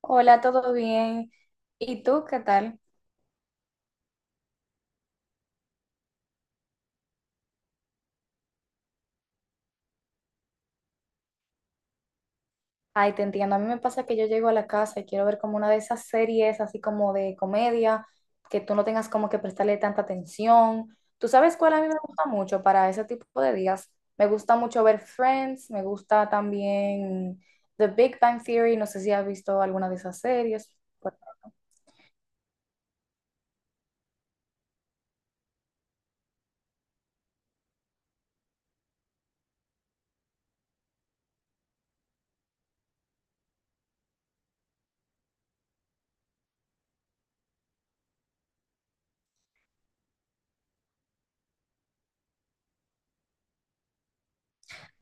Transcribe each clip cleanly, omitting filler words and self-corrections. Hola, ¿todo bien? ¿Y tú qué tal? Ay, te entiendo. A mí me pasa que yo llego a la casa y quiero ver como una de esas series así como de comedia, que tú no tengas como que prestarle tanta atención. ¿Tú sabes cuál a mí me gusta mucho para ese tipo de días? Me gusta mucho ver Friends, me gusta también The Big Bang Theory, no sé si has visto alguna de esas series. Bueno.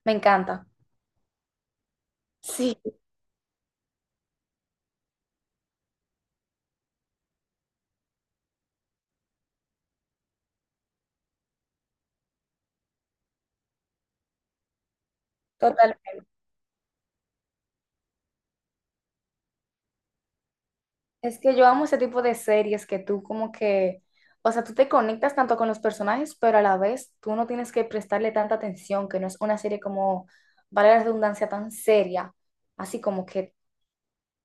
Me encanta. Sí, totalmente. Es que yo amo ese tipo de series que tú como que, o sea, tú te conectas tanto con los personajes, pero a la vez tú no tienes que prestarle tanta atención, que no es una serie como, vale la redundancia, tan seria, así como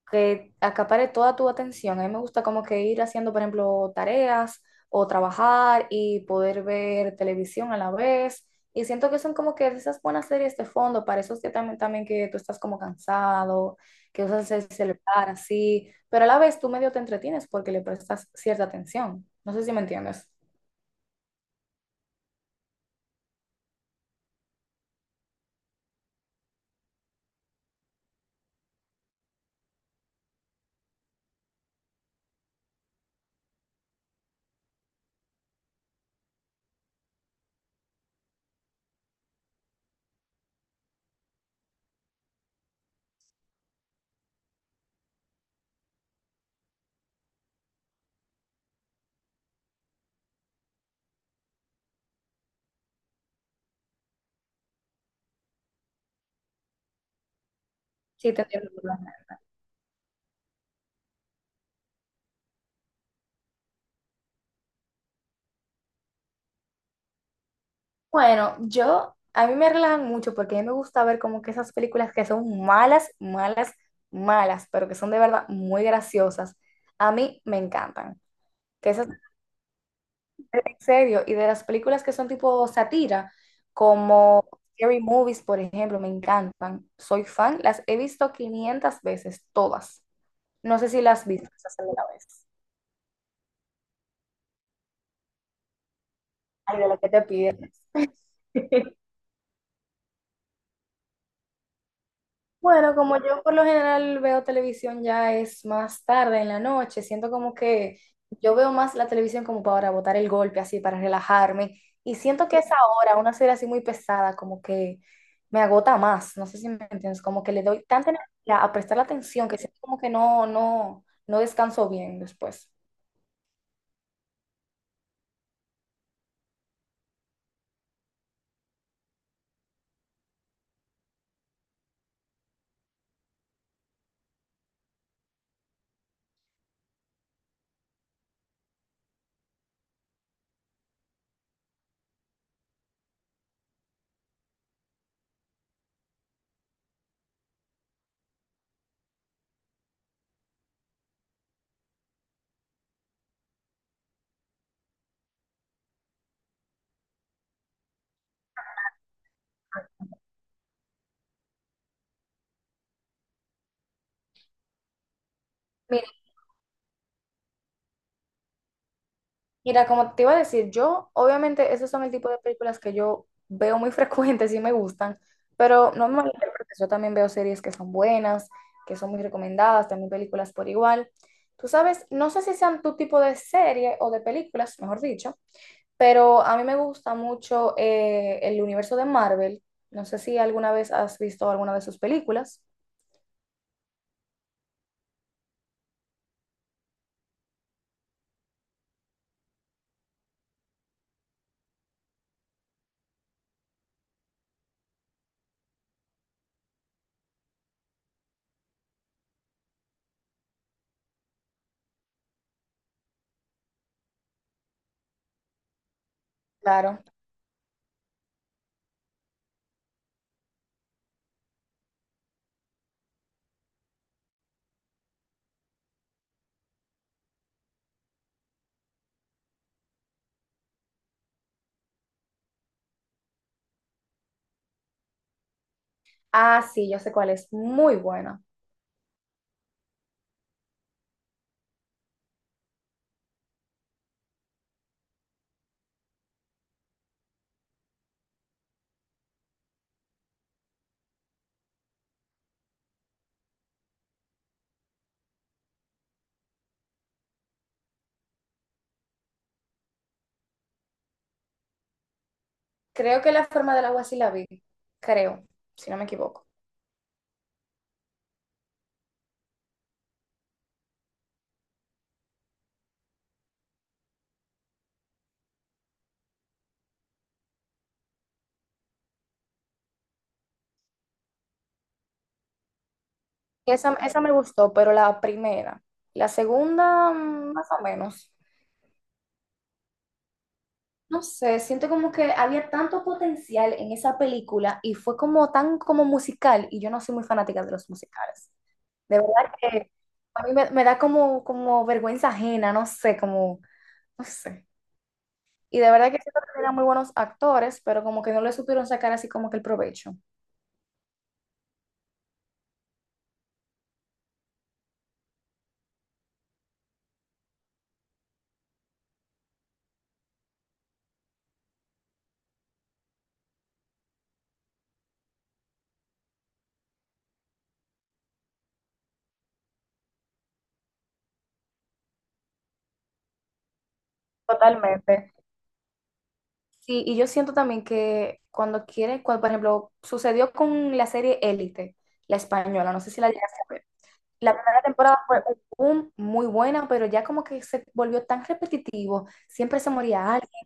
que acapare toda tu atención. A mí me gusta como que ir haciendo, por ejemplo, tareas o trabajar y poder ver televisión a la vez. Y siento que son como que esas buenas series de fondo para esos que también, también que tú estás como cansado, que usas el celular así, pero a la vez tú medio te entretienes porque le prestas cierta atención. No sé si me entiendes. Sí, te entiendo. Bueno, yo, a mí me relajan mucho porque a mí me gusta ver como que esas películas que son malas, malas, malas, pero que son de verdad muy graciosas. A mí me encantan. Que esas, en serio, y de las películas que son tipo sátira, como Scary Movies, por ejemplo, me encantan. Soy fan, las he visto 500 veces, todas. No sé si las has visto esas alguna vez. Ay, de lo que te pides. Bueno, como yo por lo general veo televisión ya es más tarde en la noche, siento como que yo veo más la televisión como para botar el golpe, así, para relajarme. Y siento que esa hora, una serie así muy pesada, como que me agota más. No sé si me entiendes, como que le doy tanta energía a prestar la atención que siento como que no, no, no descanso bien después. Mira, como te iba a decir, yo, obviamente, esos son el tipo de películas que yo veo muy frecuentes y me gustan, pero no me malinterpretes, yo también veo series que son buenas, que son muy recomendadas, también películas por igual. Tú sabes, no sé si sean tu tipo de serie o de películas, mejor dicho, pero a mí me gusta mucho el universo de Marvel. No sé si alguna vez has visto alguna de sus películas. Claro. Ah, sí, yo sé cuál es. Muy buena. Creo que La forma del agua sí la vi. Creo, si no me equivoco. Esa me gustó, pero la primera. La segunda, más o menos. No sé, siento como que había tanto potencial en esa película y fue como tan como musical y yo no soy muy fanática de los musicales. De verdad que a mí me, me da como, como vergüenza ajena, no sé, como, no sé. Y de verdad que siento que eran muy buenos actores, pero como que no le supieron sacar así como que el provecho. Totalmente. Sí, y yo siento también que cuando quieren, cuando, por ejemplo, sucedió con la serie Élite, la española, no sé si la llegaste a ver. La primera temporada fue un boom, muy buena, pero ya como que se volvió tan repetitivo, siempre se moría alguien,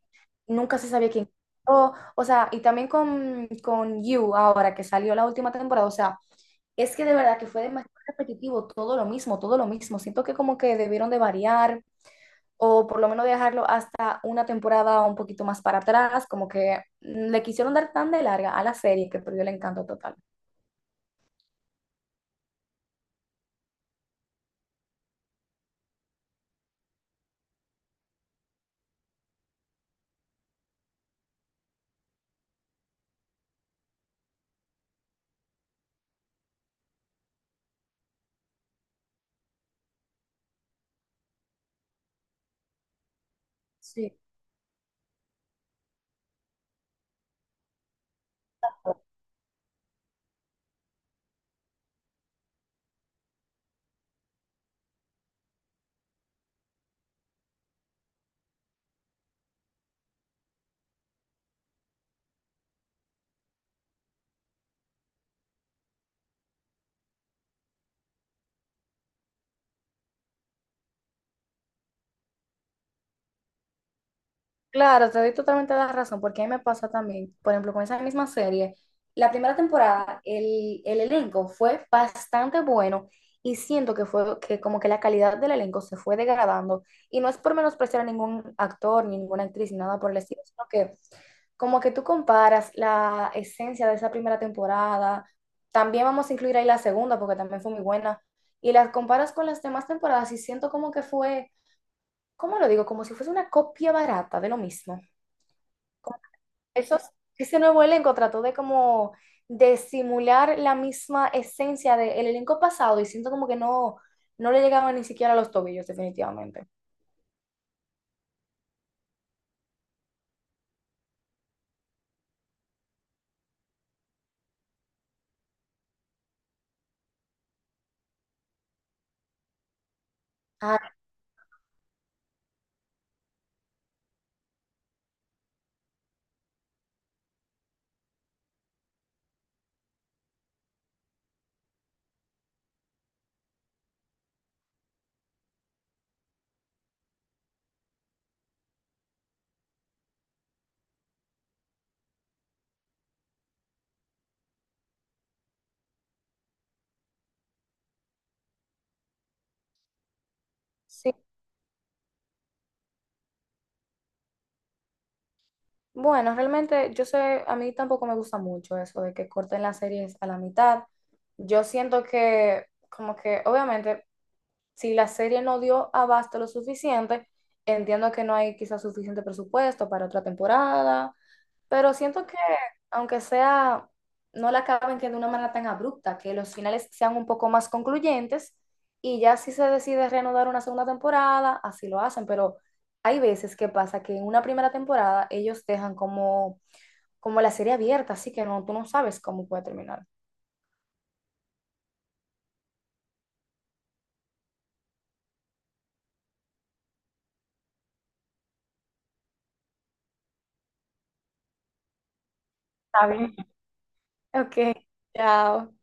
nunca se sabía quién. O sea, y también con You ahora que salió la última temporada, o sea, es que de verdad que fue demasiado repetitivo, todo lo mismo, todo lo mismo. Siento que como que debieron de variar, o por lo menos dejarlo hasta una temporada un poquito más para atrás, como que le quisieron dar tan de larga a la serie que perdió el encanto total. Sí. Claro, te doy totalmente la razón, porque a mí me pasa también, por ejemplo, con esa misma serie, la primera temporada, el elenco fue bastante bueno y siento que fue que como que la calidad del elenco se fue degradando y no es por menospreciar a ningún actor, ni ninguna actriz, ni nada por el estilo, sino que como que tú comparas la esencia de esa primera temporada, también vamos a incluir ahí la segunda, porque también fue muy buena, y las comparas con las demás temporadas y siento como que fue, ¿cómo lo digo? Como si fuese una copia barata de lo mismo. Esos, ese nuevo elenco trató de como de simular la misma esencia del elenco pasado y siento como que no, no le llegaban ni siquiera a los tobillos, definitivamente. Ah, sí. Bueno, realmente yo sé, a mí tampoco me gusta mucho eso de que corten las series a la mitad. Yo siento que, como que, obviamente, si la serie no dio abasto lo suficiente, entiendo que no hay quizás suficiente presupuesto para otra temporada, pero siento que aunque sea, no la acaben que de una manera tan abrupta, que los finales sean un poco más concluyentes y ya si se decide reanudar una segunda temporada, así lo hacen, pero hay veces que pasa que en una primera temporada ellos dejan como, como la serie abierta, así que no, tú no sabes cómo puede terminar. Está bien. Ok, chao.